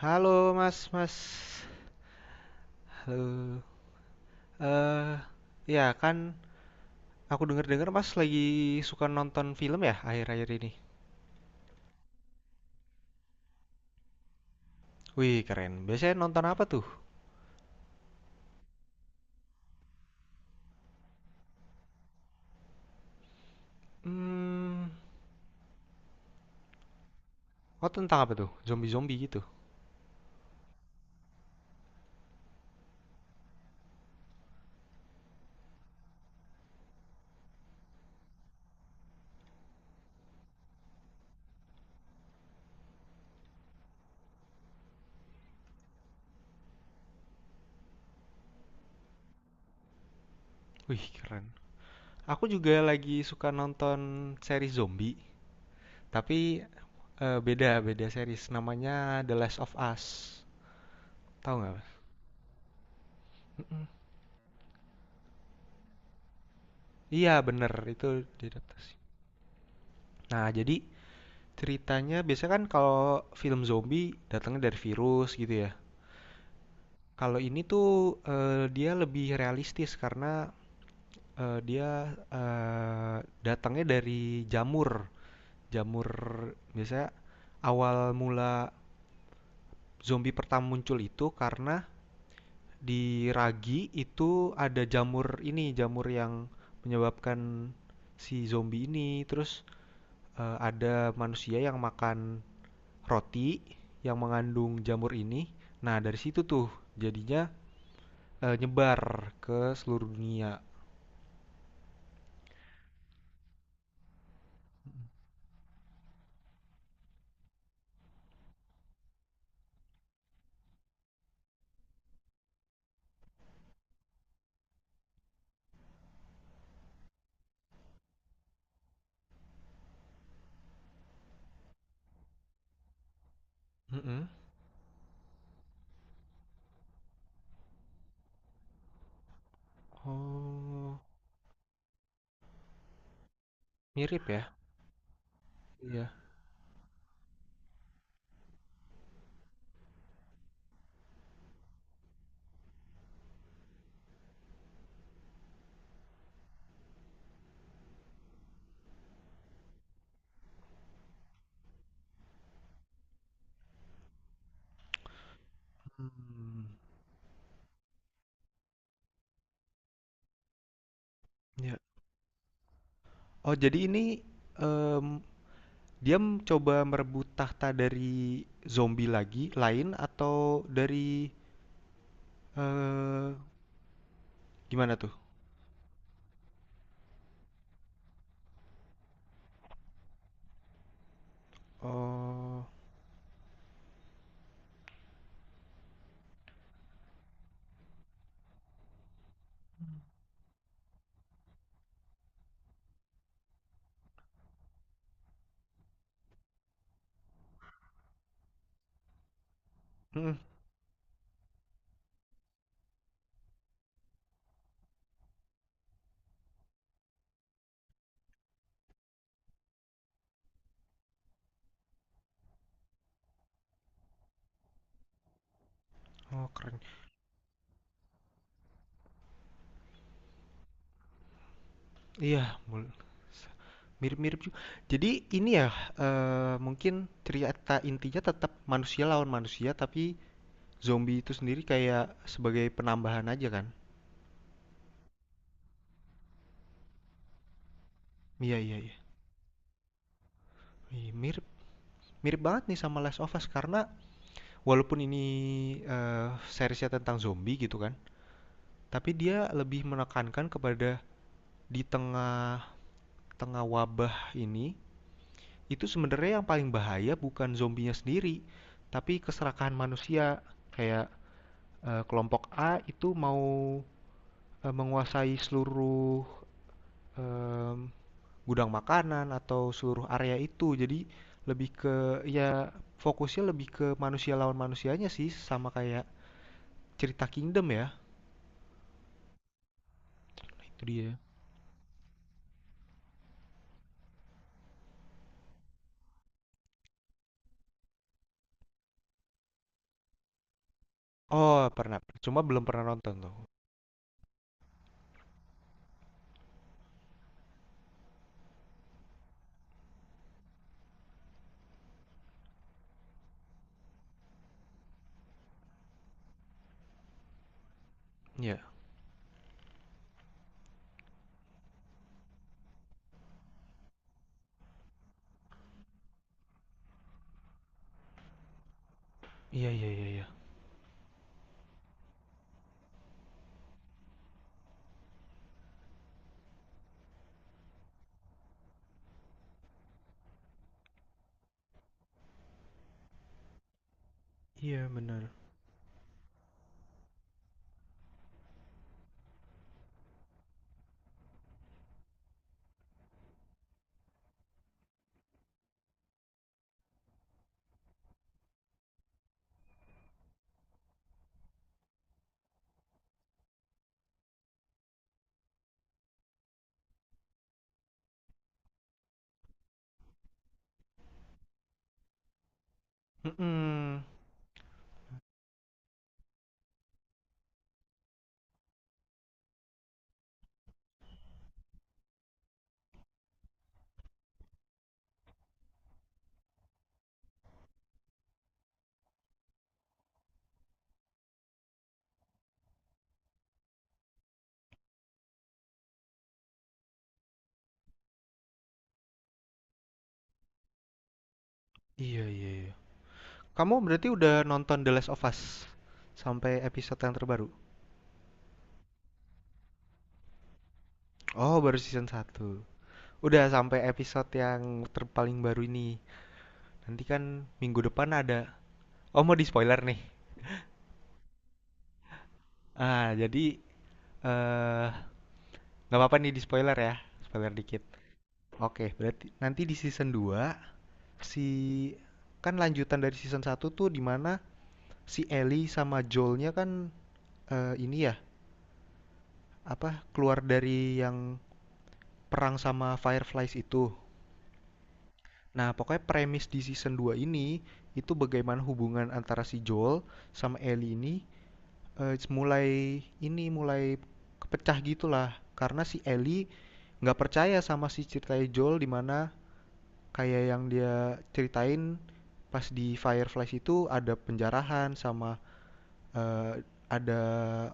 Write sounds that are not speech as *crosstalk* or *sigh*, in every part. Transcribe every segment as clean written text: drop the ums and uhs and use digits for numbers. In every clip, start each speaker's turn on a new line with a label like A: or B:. A: Halo Mas, Mas. Halo. Eh, ya kan aku denger-dengar Mas lagi suka nonton film ya akhir-akhir ini. Wih, keren. Biasanya nonton apa tuh? Hmm, oh tentang apa tuh? Zombie-zombie gitu. Wih, keren. Aku juga lagi suka nonton seri zombie, tapi beda beda series namanya The Last of Us. Tahu nggak? Mas? Mm-mm. Iya, bener itu diadaptasi. Nah, jadi ceritanya biasanya kan kalau film zombie datangnya dari virus gitu ya. Kalau ini tuh dia lebih realistis karena eh, dia eh, datangnya dari jamur. Jamur biasanya awal mula zombie pertama muncul itu karena di ragi itu ada jamur ini, jamur yang menyebabkan si zombie ini. Terus ada manusia yang makan roti yang mengandung jamur ini. Nah, dari situ tuh jadinya nyebar ke seluruh dunia. Mm-mm. Oh, mirip ya? Iya. Hmm. Ya. Oh, jadi ini em, dia mencoba merebut tahta dari zombie lagi, lain atau dari eh gimana tuh? Oh, mm-mm. Oh, keren. Iya, mul- mirip-mirip juga. Jadi ini ya mungkin cerita intinya tetap manusia lawan manusia tapi zombie itu sendiri kayak sebagai penambahan aja kan. Iya iya iya. Iya, mirip mirip banget nih sama Last of Us karena walaupun ini seriesnya tentang zombie gitu kan, tapi dia lebih menekankan kepada di tengah tengah wabah ini itu sebenarnya yang paling bahaya bukan zombinya sendiri, tapi keserakahan manusia kayak kelompok A itu mau menguasai seluruh em, gudang makanan atau seluruh area itu. Jadi lebih ke ya fokusnya lebih ke manusia lawan manusianya sih sama kayak cerita Kingdom ya. Nah, itu dia. Oh, pernah. Cuma belum pernah nonton tuh. Iya. Iya, iya, iya, iya. Iya, benar. Mm-mm. Iya, iya, iya. Kamu berarti udah nonton The Last of Us sampai episode yang terbaru? Oh, baru season satu. Udah sampai episode yang terpaling baru ini. Nanti kan minggu depan ada. Oh mau di spoiler nih. Ah jadi eh nggak apa-apa nih di spoiler ya. Spoiler dikit. Oke berarti nanti di season 2 si kan lanjutan dari season satu tuh dimana si Ellie sama Joelnya kan ini ya apa keluar dari yang perang sama Fireflies itu. Nah pokoknya premis di season 2 ini itu bagaimana hubungan antara si Joel sama Ellie ini mulai ini, mulai kepecah gitulah, karena si Ellie nggak percaya sama si ceritanya Joel, di mana kayak yang dia ceritain pas di Fireflies itu ada penjarahan sama, eee, ada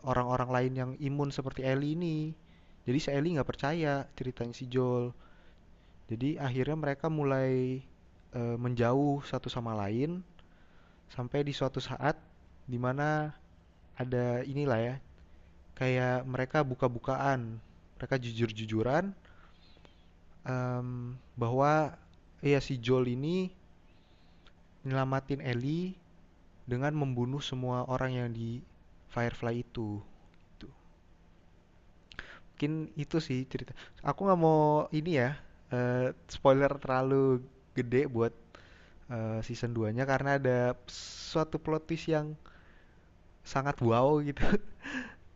A: orang-orang lain yang imun seperti Ellie ini. Jadi si Ellie nggak percaya ceritanya si Joel. Jadi akhirnya mereka mulai, menjauh satu sama lain, sampai di suatu saat di mana ada inilah ya, kayak mereka buka-bukaan, mereka jujur-jujuran em, bahwa ya si Joel ini nyelamatin Ellie dengan membunuh semua orang yang di Firefly itu. Tuh. Mungkin itu sih cerita. Aku nggak mau ini ya spoiler terlalu gede buat season 2-nya karena ada suatu plot twist yang sangat wow gitu.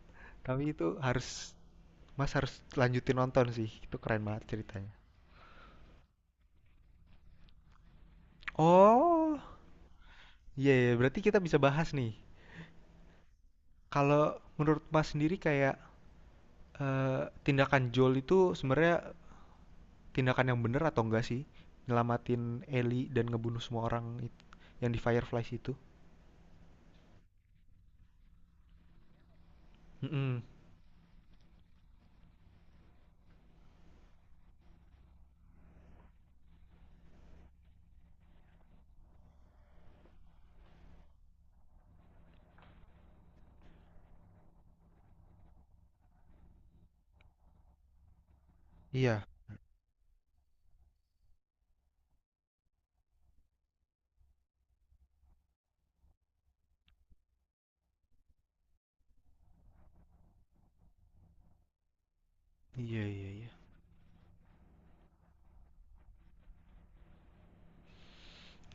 A: *laughs* Tapi itu harus Mas harus lanjutin nonton sih. Itu keren banget ceritanya. Oh, iya, iya, berarti kita bisa bahas nih. Kalau menurut Mas sendiri kayak eh, tindakan Joel itu sebenarnya tindakan yang benar atau enggak sih? Nyelamatin Ellie dan ngebunuh semua orang yang di Fireflies itu. Mm-mm. Iya, iya, iya, iya.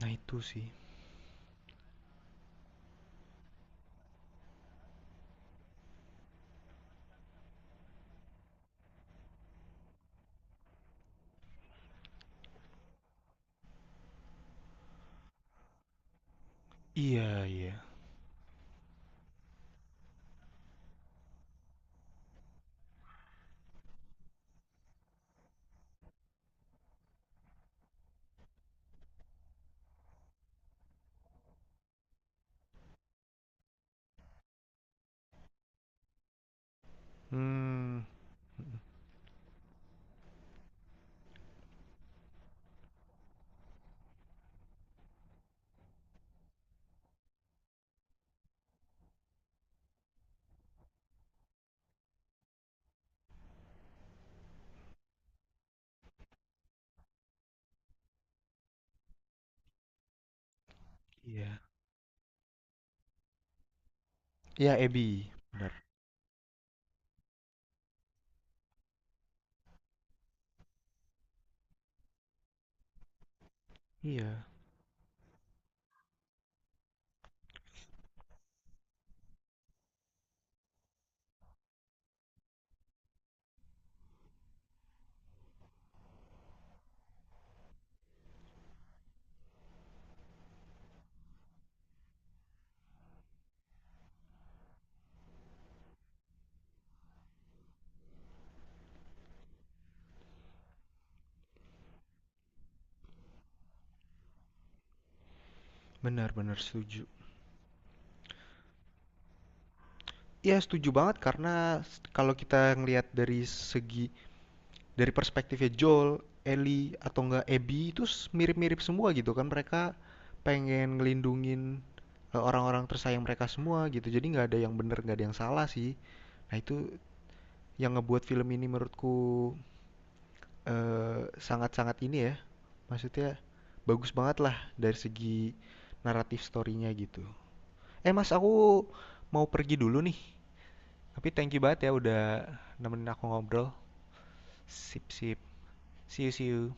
A: Nah itu sih. Iya, iya. Hmm, iya. Iya, Abby. Benar. Iya, benar-benar setuju. Iya, setuju banget karena kalau kita ngelihat dari segi dari perspektifnya Joel, Ellie atau enggak Abby itu mirip-mirip semua gitu kan mereka pengen ngelindungin orang-orang tersayang mereka semua gitu jadi nggak ada yang bener nggak ada yang salah sih nah itu yang ngebuat film ini menurutku eh, sangat-sangat ini ya maksudnya bagus banget lah dari segi naratif storynya gitu eh mas aku mau pergi dulu nih tapi thank you banget ya udah nemenin aku ngobrol sip sip see you